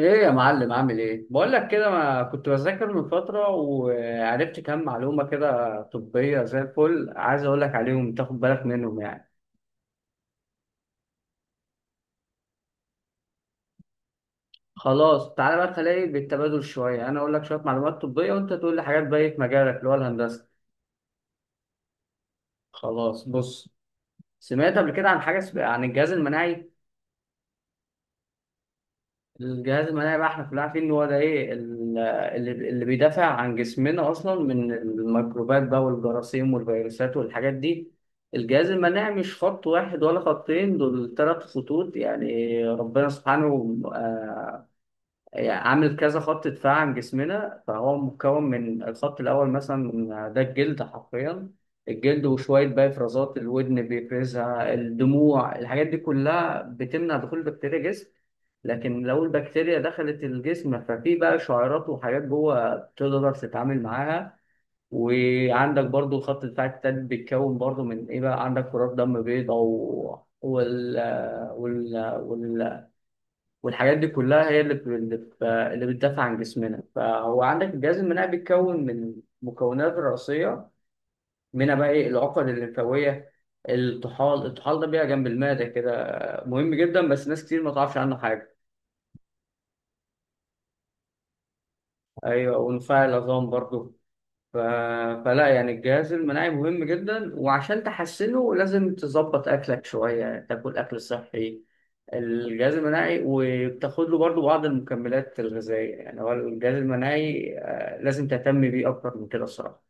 ايه يا معلم، عامل ايه؟ بقول لك كده، ما كنت بذاكر من فتره وعرفت كام معلومه كده طبيه زي الفل، عايز اقول لك عليهم تاخد بالك منهم يعني. خلاص، تعالى بقى خلينا بالتبادل شويه، انا اقول لك شويه معلومات طبيه وانت تقول لي حاجات بقى في مجالك اللي هو الهندسه. خلاص، بص، سمعت قبل كده عن حاجه عن الجهاز المناعي. الجهاز المناعي بقى احنا كلنا عارفين ان هو ده ايه، اللي بيدافع عن جسمنا اصلا من الميكروبات بقى والجراثيم والفيروسات والحاجات دي. الجهاز المناعي مش خط واحد ولا خطين، دول ثلاث خطوط يعني ربنا سبحانه يعني عامل كذا خط دفاع عن جسمنا، فهو مكون من الخط الأول مثلا ده الجلد حرفيا. الجلد وشوية بقى إفرازات الودن بيفرزها الدموع الحاجات دي كلها بتمنع دخول البكتيريا جسم. لكن لو البكتيريا دخلت الجسم ففي بقى شعيرات وحاجات جوه تقدر تتعامل معاها. وعندك برضو الخط الدفاع التالت بيتكون برضو من ايه بقى، عندك كرات دم بيضاء و... وال... وال... وال... والحاجات دي كلها هي اللي بتدافع عن جسمنا، فهو عندك الجهاز المناعي بيتكون من مكونات رئيسية. منها بقى ايه، العقد الليمفاوية. الطحال ده بيبقى جنب المعدة كده. مهم جدا بس ناس كتير ما تعرفش عنه حاجة. ايوه، ونفاع العظام برضو. ف... فلا يعني الجهاز المناعي مهم جدا، وعشان تحسنه لازم تظبط اكلك شويه، تاكل اكل صحي. الجهاز المناعي، وبتاخد له برضو بعض المكملات الغذائيه، يعني هو الجهاز المناعي لازم تهتم بيه اكتر من كده الصراحه.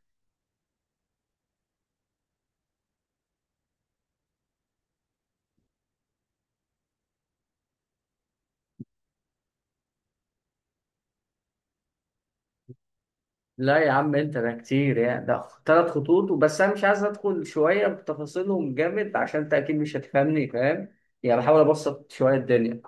لا يا عم، انت ده كتير يعني، ده ثلاث خطوط وبس، انا مش عايز ادخل شويه بتفاصيلهم جامد عشان انت اكيد مش هتفهمني، فاهم؟ يعني بحاول ابسط شويه الدنيا.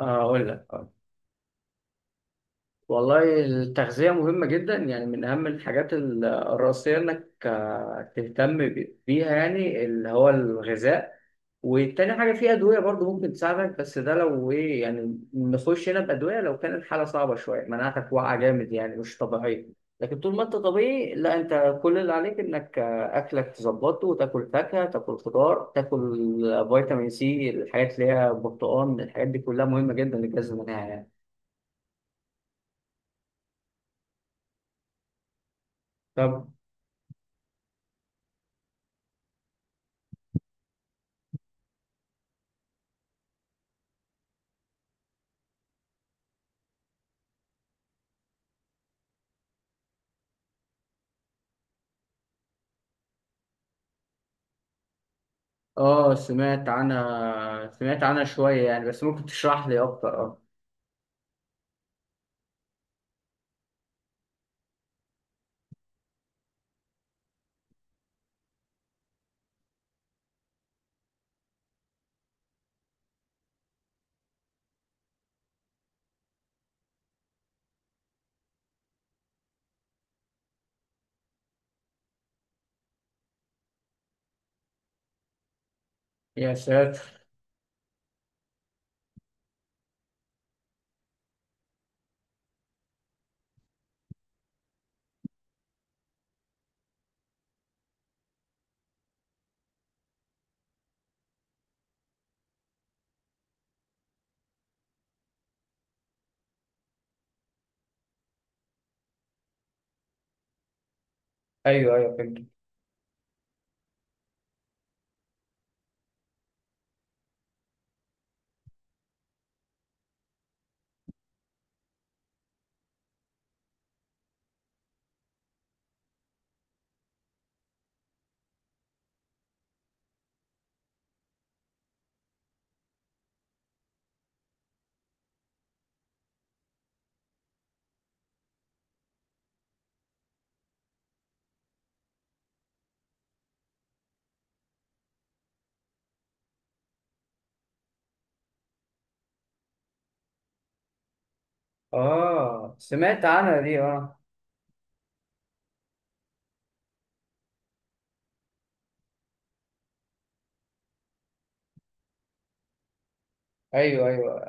اقول لك. والله التغذية مهمة جدا، يعني من أهم الحاجات الرئيسية إنك تهتم بيها، يعني اللي هو الغذاء. والتاني حاجة في أدوية برضو ممكن تساعدك، بس ده لو إيه يعني، نخش هنا بأدوية لو كانت حالة صعبة شوية، مناعتك واقعة جامد يعني مش طبيعية. لكن طول ما أنت طبيعي، لا أنت كل اللي عليك إنك أكلك تظبطه، وتاكل فاكهة تاكل خضار تاكل فيتامين سي، الحاجات اللي هي برتقال، الحاجات دي كلها مهمة جدا للجهاز المناعي يعني. طب، اه سمعت عنها شوية يعني، بس ممكن تشرح لي أكتر اه؟ يا ساتر. أيوه أيوه، فهمت. اه سمعت عنها دي اه. أيوه أيوه.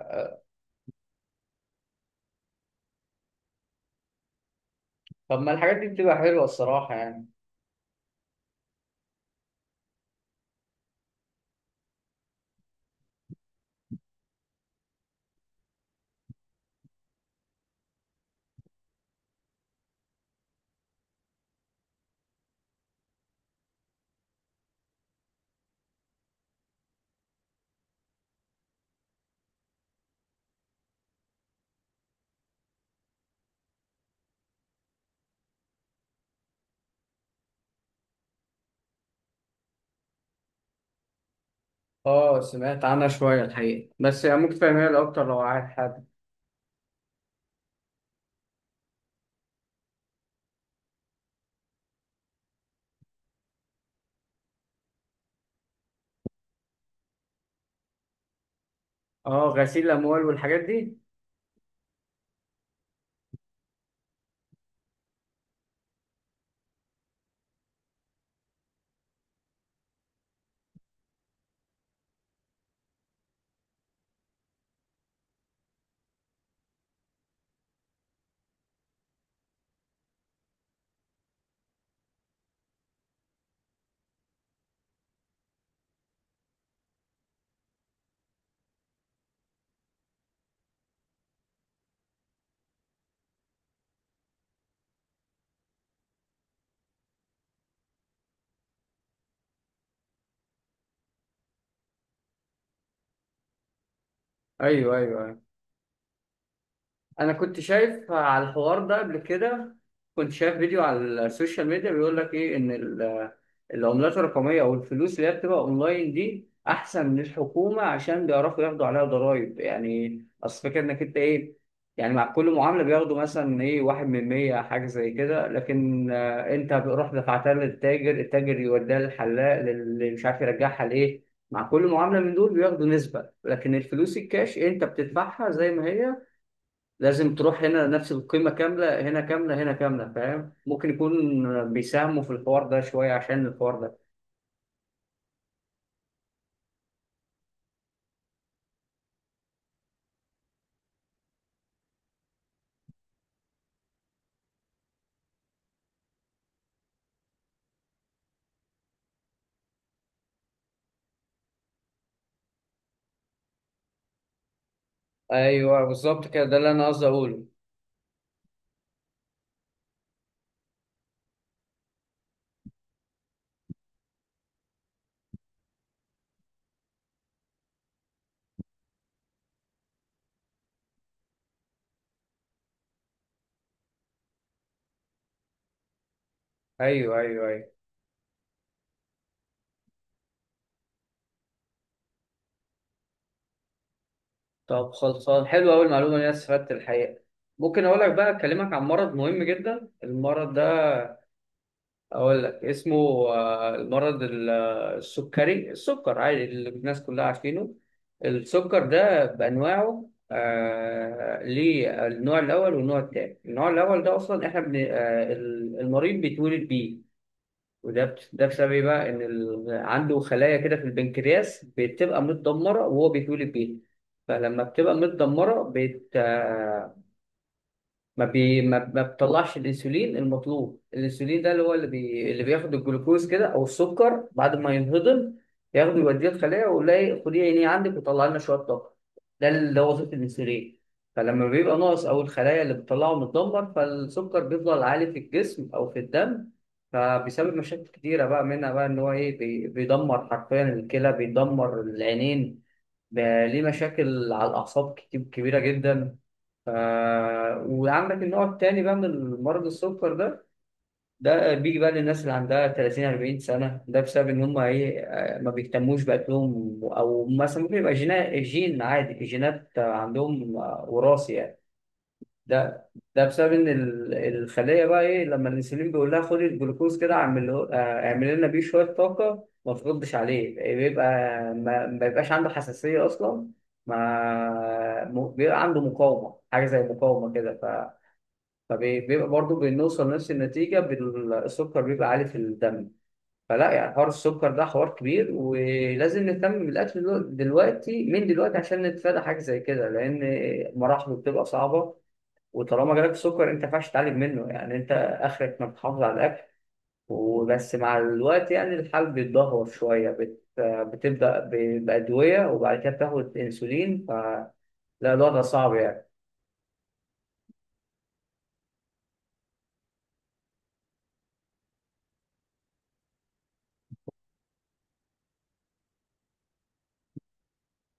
طب، ما الحاجات دي بتبقى حلوة الصراحة يعني. اه سمعت عنها شوية الحقيقة، بس يعني ممكن تفهمها لي أكتر لو عايز حد؟ اه، غسيل الأموال والحاجات دي. أيوه أيوه أيوه. انا كنت شايف على الحوار ده قبل كده. كنت شايف فيديو على السوشيال ميديا بيقول لك ايه، ان العملات الرقميه او الفلوس اللي هي بتبقى اونلاين دي احسن من الحكومه، عشان بيعرفوا ياخدوا عليها ضرائب، يعني اصل فكره انك انت ايه، يعني مع كل معامله بياخدوا مثلا ايه، واحد من 100 حاجه زي كده، لكن انت بتروح دفعتها للتاجر، التاجر يوديها للحلاق اللي مش عارف يرجعها لايه. مع كل معامله من دول بياخدوا نسبه، لكن الفلوس الكاش انت بتدفعها زي ما هي. لازم تروح هنا نفس القيمة كاملة، هنا كاملة، هنا كاملة، فاهم؟ ممكن يكون بيساهموا في الحوار ده شوية، عشان الحوار ده. ايوه بالظبط كده، ده اللي انا قصدي اقوله. ايوه ايوه ايوه. طب، خلصان حلوة أوي المعلومة دي، انا استفدت الحقيقة. ممكن اقول لك بقى، اكلمك عن مرض مهم جدا المرض ده. اقول لك اسمه. المرض السكري، السكر عادي اللي الناس كلها عارفينه. السكر ده بانواعه ليه النوع الاول والنوع الثاني، النوع الاول ده اصلا احنا المريض بيتولد بيه. ده بسبب ايه بقى، ان عنده خلايا كده في البنكرياس بتبقى متدمره، وهو بيتولد بيها. فلما بتبقى متدمره بت... آه، ما بي ما, ما بتطلعش الانسولين المطلوب، الانسولين ده اللي هو اللي بياخد الجلوكوز كده او السكر بعد ما ينهضم. ياخده يوديه الخلايا، ويقول لها إيه، خدي عيني عندك وطلع لنا شويه طاقه. ده اللي هو وظيفه الانسولين. فلما بيبقى ناقص، او الخلايا اللي بتطلعه متدمر، فالسكر بيفضل عالي في الجسم او في الدم. فبيسبب مشاكل كتيره بقى، منها بقى ان هو ايه بيدمر حرفيا الكلى، بيدمر العينين. بقى ليه مشاكل على الأعصاب كتير كبيرة جدا. ف... وعندك النوع التاني بقى من مرض السكر ده. ده بيجي بقى للناس اللي عندها 30 40 سنة، ده بسبب إن هم إيه، ما بيهتموش بأكلهم، أو مثلا ممكن يبقى جين عادي، جينات عندهم وراثي يعني. ده ده بسبب ان الخليه بقى ايه، لما الانسولين بيقول لها خدي الجلوكوز كده اعمل اعمل لنا بيه شويه طاقه، ما تردش عليه، بيبقى ما بيبقاش عنده حساسيه اصلا، ما م- بيبقى عنده مقاومه، حاجه زي مقاومه كده، ف فبيبقى برضه بنوصل لنفس النتيجه، بالسكر بيبقى عالي في الدم. فلا يعني حوار السكر ده حوار كبير، ولازم نهتم بالاكل دلوقتي من دلوقتي، عشان نتفادى حاجه زي كده، لان مراحله بتبقى صعبه. وطالما جالك سكر انت ما ينفعش تعالج منه يعني، انت اخرك انك تحافظ على الاكل وبس، مع الوقت يعني الحال بيتدهور شويه بتبدا بادويه، وبعد كده بتاخد انسولين، فلا الوضع صعب يعني.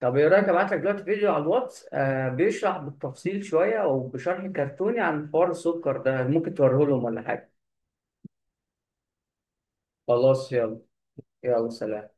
طب ايه رايك ابعت لك دلوقتي فيديو على الواتس بيشرح بالتفصيل شويه، وبشرح كرتوني عن حوار السكر ده، ممكن توريه لهم ولا حاجه؟ خلاص يلا. يلا سلام.